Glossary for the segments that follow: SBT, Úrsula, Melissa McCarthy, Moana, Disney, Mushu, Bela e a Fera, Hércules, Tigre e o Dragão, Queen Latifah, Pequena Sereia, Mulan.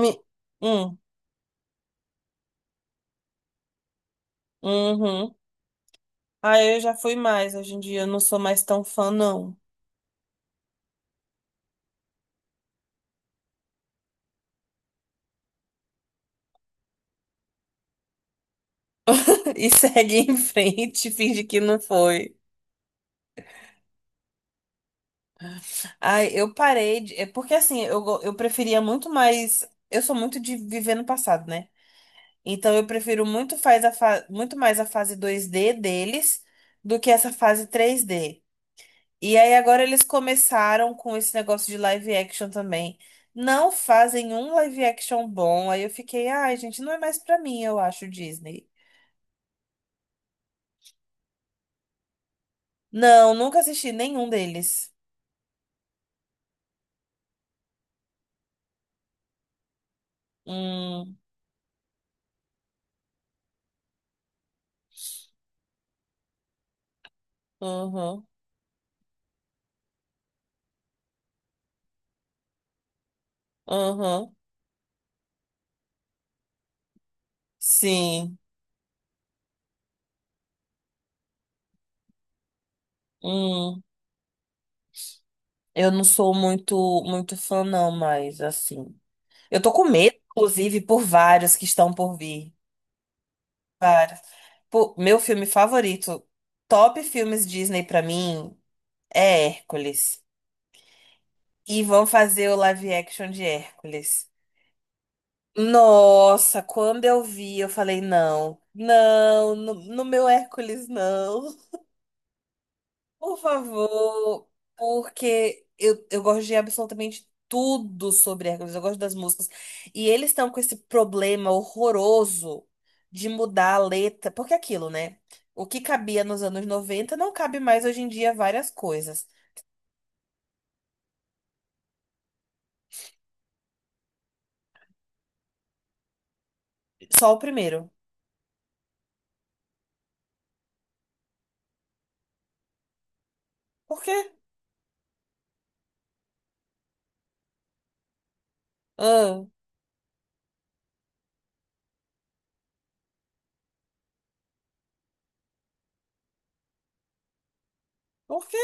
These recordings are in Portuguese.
Me... Hum, uhum. Aí eu já fui mais. Hoje em dia eu não sou mais tão fã, não. E segue em frente, finge que não foi. Ai, eu parei de... É porque assim, eu preferia muito mais... Eu sou muito de viver no passado, né? Então eu prefiro muito, muito mais a fase dois d deles do que essa fase três d E aí agora eles começaram com esse negócio de live action também. Não fazem um live action bom. Aí eu fiquei, ai, gente, não é mais pra mim, eu acho, Disney. Não, nunca assisti nenhum deles. Hum, uhum, uhum. Sim. Hum. Eu não sou muito, muito fã, não, mas assim. Eu tô com medo, inclusive, por vários que estão por vir. Vários. Pô, meu filme favorito, top filmes Disney pra mim, é Hércules. E vão fazer o live action de Hércules. Nossa, quando eu vi, eu falei, não, não, meu Hércules, não. Por favor, porque eu gosto de absolutamente tudo sobre Hércules, eu gosto das músicas. E eles estão com esse problema horroroso de mudar a letra, porque é aquilo, né? O que cabia nos anos 90 não cabe mais hoje em dia várias coisas. Só o primeiro. Por quê? Ah, por quê?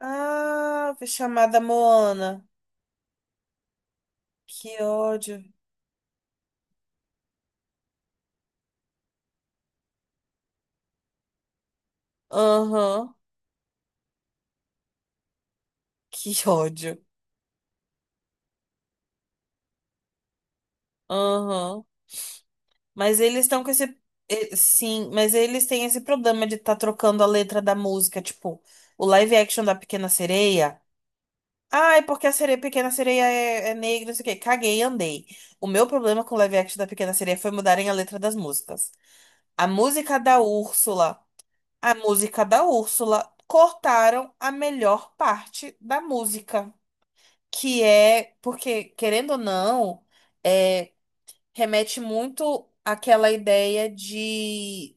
Ah, foi chamada Moana. Que ódio. Aham, que ódio. Aham. Mas eles estão com esse. Sim, mas eles têm esse problema de estar trocando a letra da música. Tipo, o live action da Pequena Sereia. Ai, porque a sereia, Pequena Sereia é negra, não sei o quê. Caguei e andei. O meu problema com o live action da Pequena Sereia foi mudarem a letra das músicas. A música da Úrsula. A música da Úrsula. Cortaram a melhor parte da música, que é porque, querendo ou não, é, remete muito àquela ideia de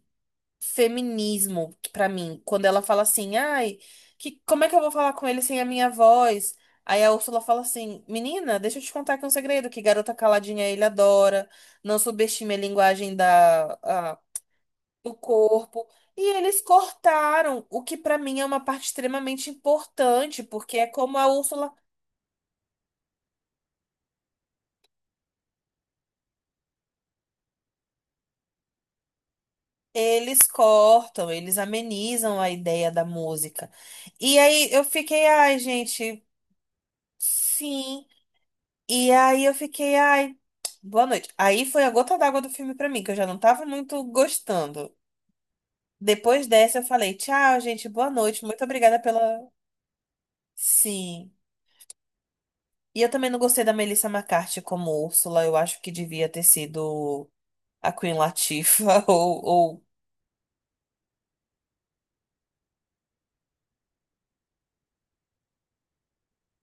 feminismo pra mim, quando ela fala assim, ai, que, como é que eu vou falar com ele sem a minha voz? Aí a Úrsula fala assim, menina, deixa eu te contar aqui um segredo, que garota caladinha ele adora, não subestime a linguagem do corpo. E eles cortaram o que pra mim é uma parte extremamente importante, porque é como a Úrsula. Eles cortam, eles amenizam a ideia da música. E aí eu fiquei, ai, gente, sim. E aí eu fiquei, ai, boa noite. Aí foi a gota d'água do filme pra mim, que eu já não tava muito gostando. Depois dessa eu falei, tchau, gente, boa noite, muito obrigada pela. Sim. E eu também não gostei da Melissa McCarthy como Úrsula, eu acho que devia ter sido a Queen Latifah, ou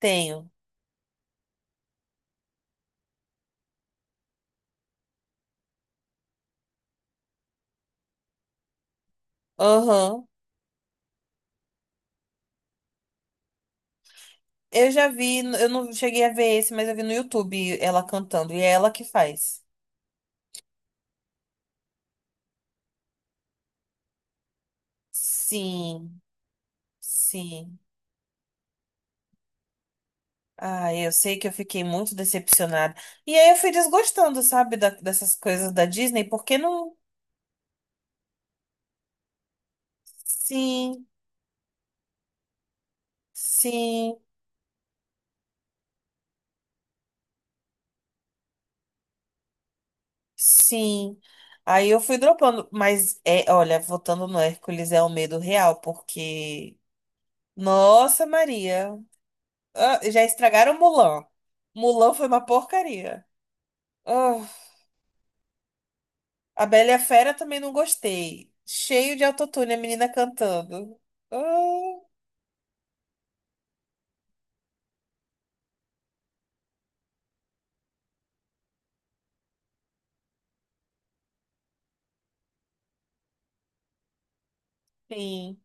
tenho. Aham. Eu já vi, eu não cheguei a ver esse, mas eu vi no YouTube ela cantando, e é ela que faz. Sim, sim. Ah, eu sei que eu fiquei muito decepcionada. E aí eu fui desgostando, sabe, da- dessas coisas da Disney, porque não. Sim, sim, sim. Aí eu fui dropando, mas é, olha, voltando no Hércules é o medo real, porque. Nossa, Maria. Ah, já estragaram Mulan. Mulan foi uma porcaria. Ah. A Bela e a Fera também não gostei. Cheio de autotune, a menina cantando. Ah, sim.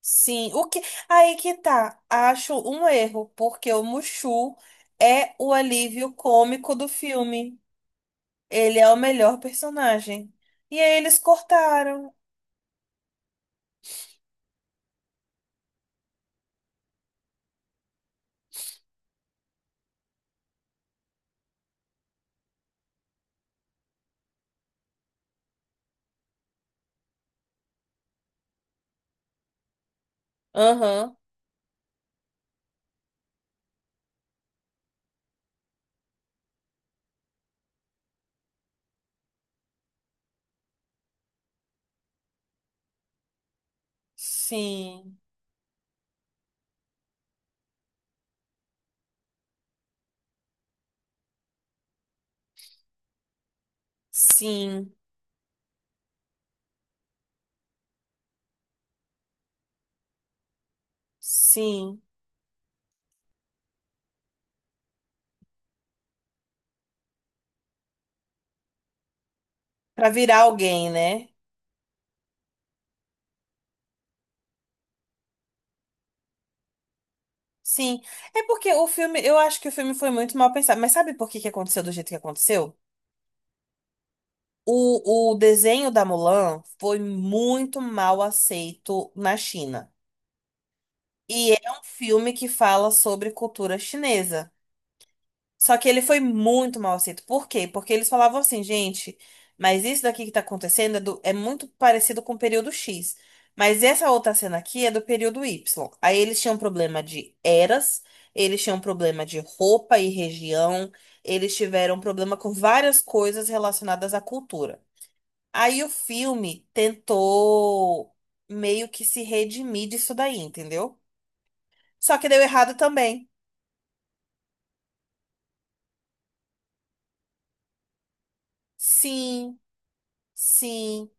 Sim. O que... Aí que tá. Acho um erro, porque o Mushu é o alívio cômico do filme. Ele é o melhor personagem. E aí eles cortaram. Aham. Sim. Sim. Sim. Pra virar alguém, né? Sim. É porque o filme, eu acho que o filme foi muito mal pensado. Mas sabe por que que aconteceu do jeito que aconteceu? O desenho da Mulan foi muito mal aceito na China. E é um filme que fala sobre cultura chinesa. Só que ele foi muito mal aceito. Por quê? Porque eles falavam assim, gente, mas isso daqui que tá acontecendo é muito parecido com o período X. Mas essa outra cena aqui é do período Y. Aí eles tinham problema de eras, eles tinham problema de roupa e região, eles tiveram problema com várias coisas relacionadas à cultura. Aí o filme tentou meio que se redimir disso daí, entendeu? Só que deu errado também. Sim, sim.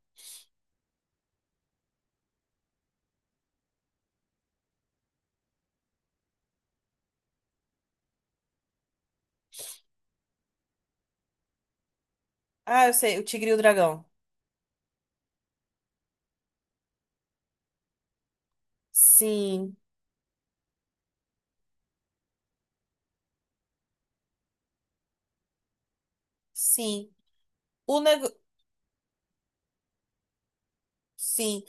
Ah, eu sei, o Tigre e o Dragão. Sim, sim. O nego... Sim,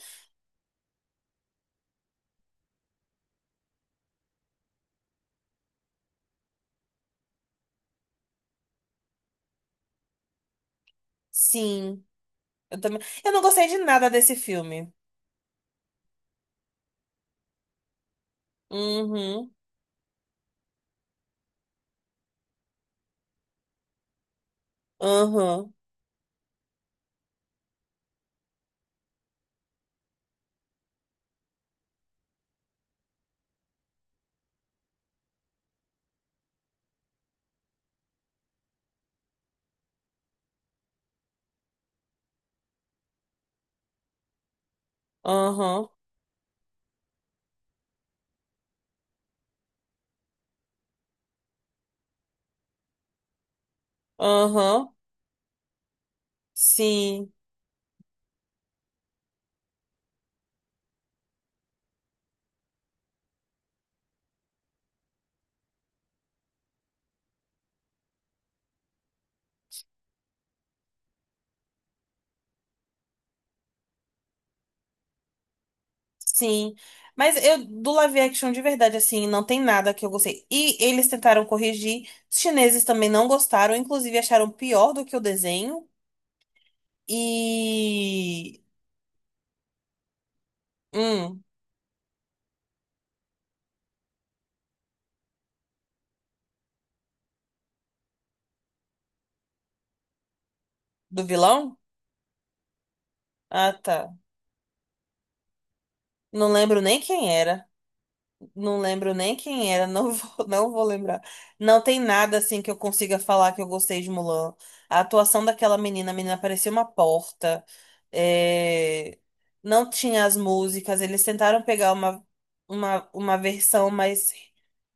sim. Eu também... Eu não gostei de nada desse filme. Uhum, aham, aham, aham. Sim. Sim, mas eu do live action de verdade, assim, não tem nada que eu gostei. E eles tentaram corrigir, os chineses também não gostaram, inclusive acharam pior do que o desenho. E. Hum, do vilão? Ah, tá. Não lembro nem quem era. Não lembro nem quem era, não vou, não vou lembrar. Não tem nada assim que eu consiga falar que eu gostei de Mulan. A atuação daquela menina, a menina parecia uma porta. É, não tinha as músicas, eles tentaram pegar uma versão mais,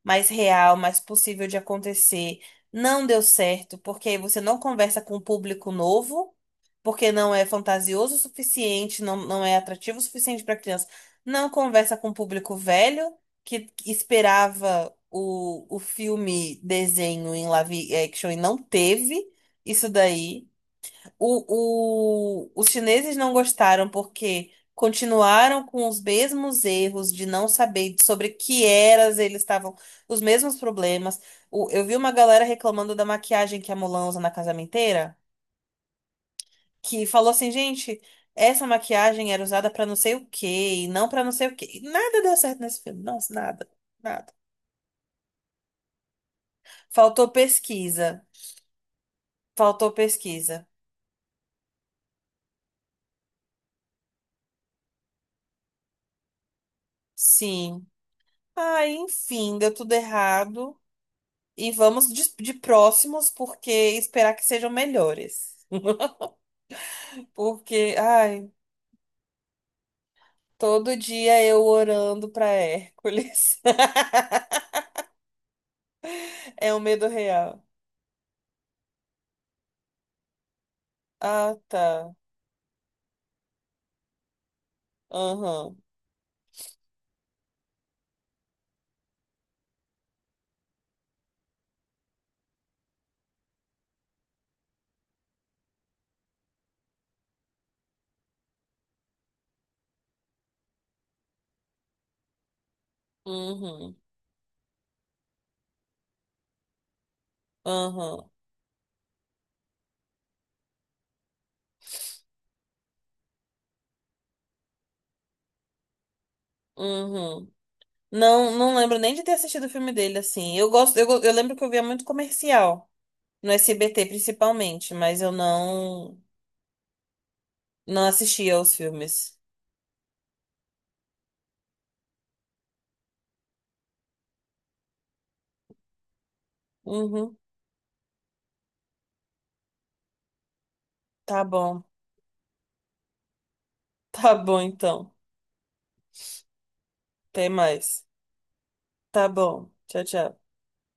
mais real, mais possível de acontecer. Não deu certo, porque aí você não conversa com um público novo porque não é fantasioso o suficiente, não, não é atrativo o suficiente para criança, não conversa com o público velho que esperava o filme desenho em live action e não teve isso daí. Os chineses não gostaram porque continuaram com os mesmos erros de não saber sobre que eras eles estavam, os mesmos problemas. O- eu vi uma galera reclamando da maquiagem que a Mulan usa na casamenteira, que falou assim, gente, essa maquiagem era usada pra não sei o quê, e não pra não sei o quê. E nada deu certo nesse filme. Nossa, nada, nada. Faltou pesquisa. Faltou pesquisa. Sim. Ah, enfim, deu tudo errado. E vamos de próximos, porque esperar que sejam melhores. Porque, ai, todo dia eu orando pra Hércules. É um medo real. Ah, tá. Aham. Uhum. Aham. Uhum. Uhum. Não, não lembro nem de ter assistido o filme dele, assim. Eu gosto, eu lembro que eu via muito comercial, no SBT principalmente, mas eu não assistia aos filmes. Uhum, tá bom. Tá bom, então. Até mais. Tá bom. Tchau, tchau.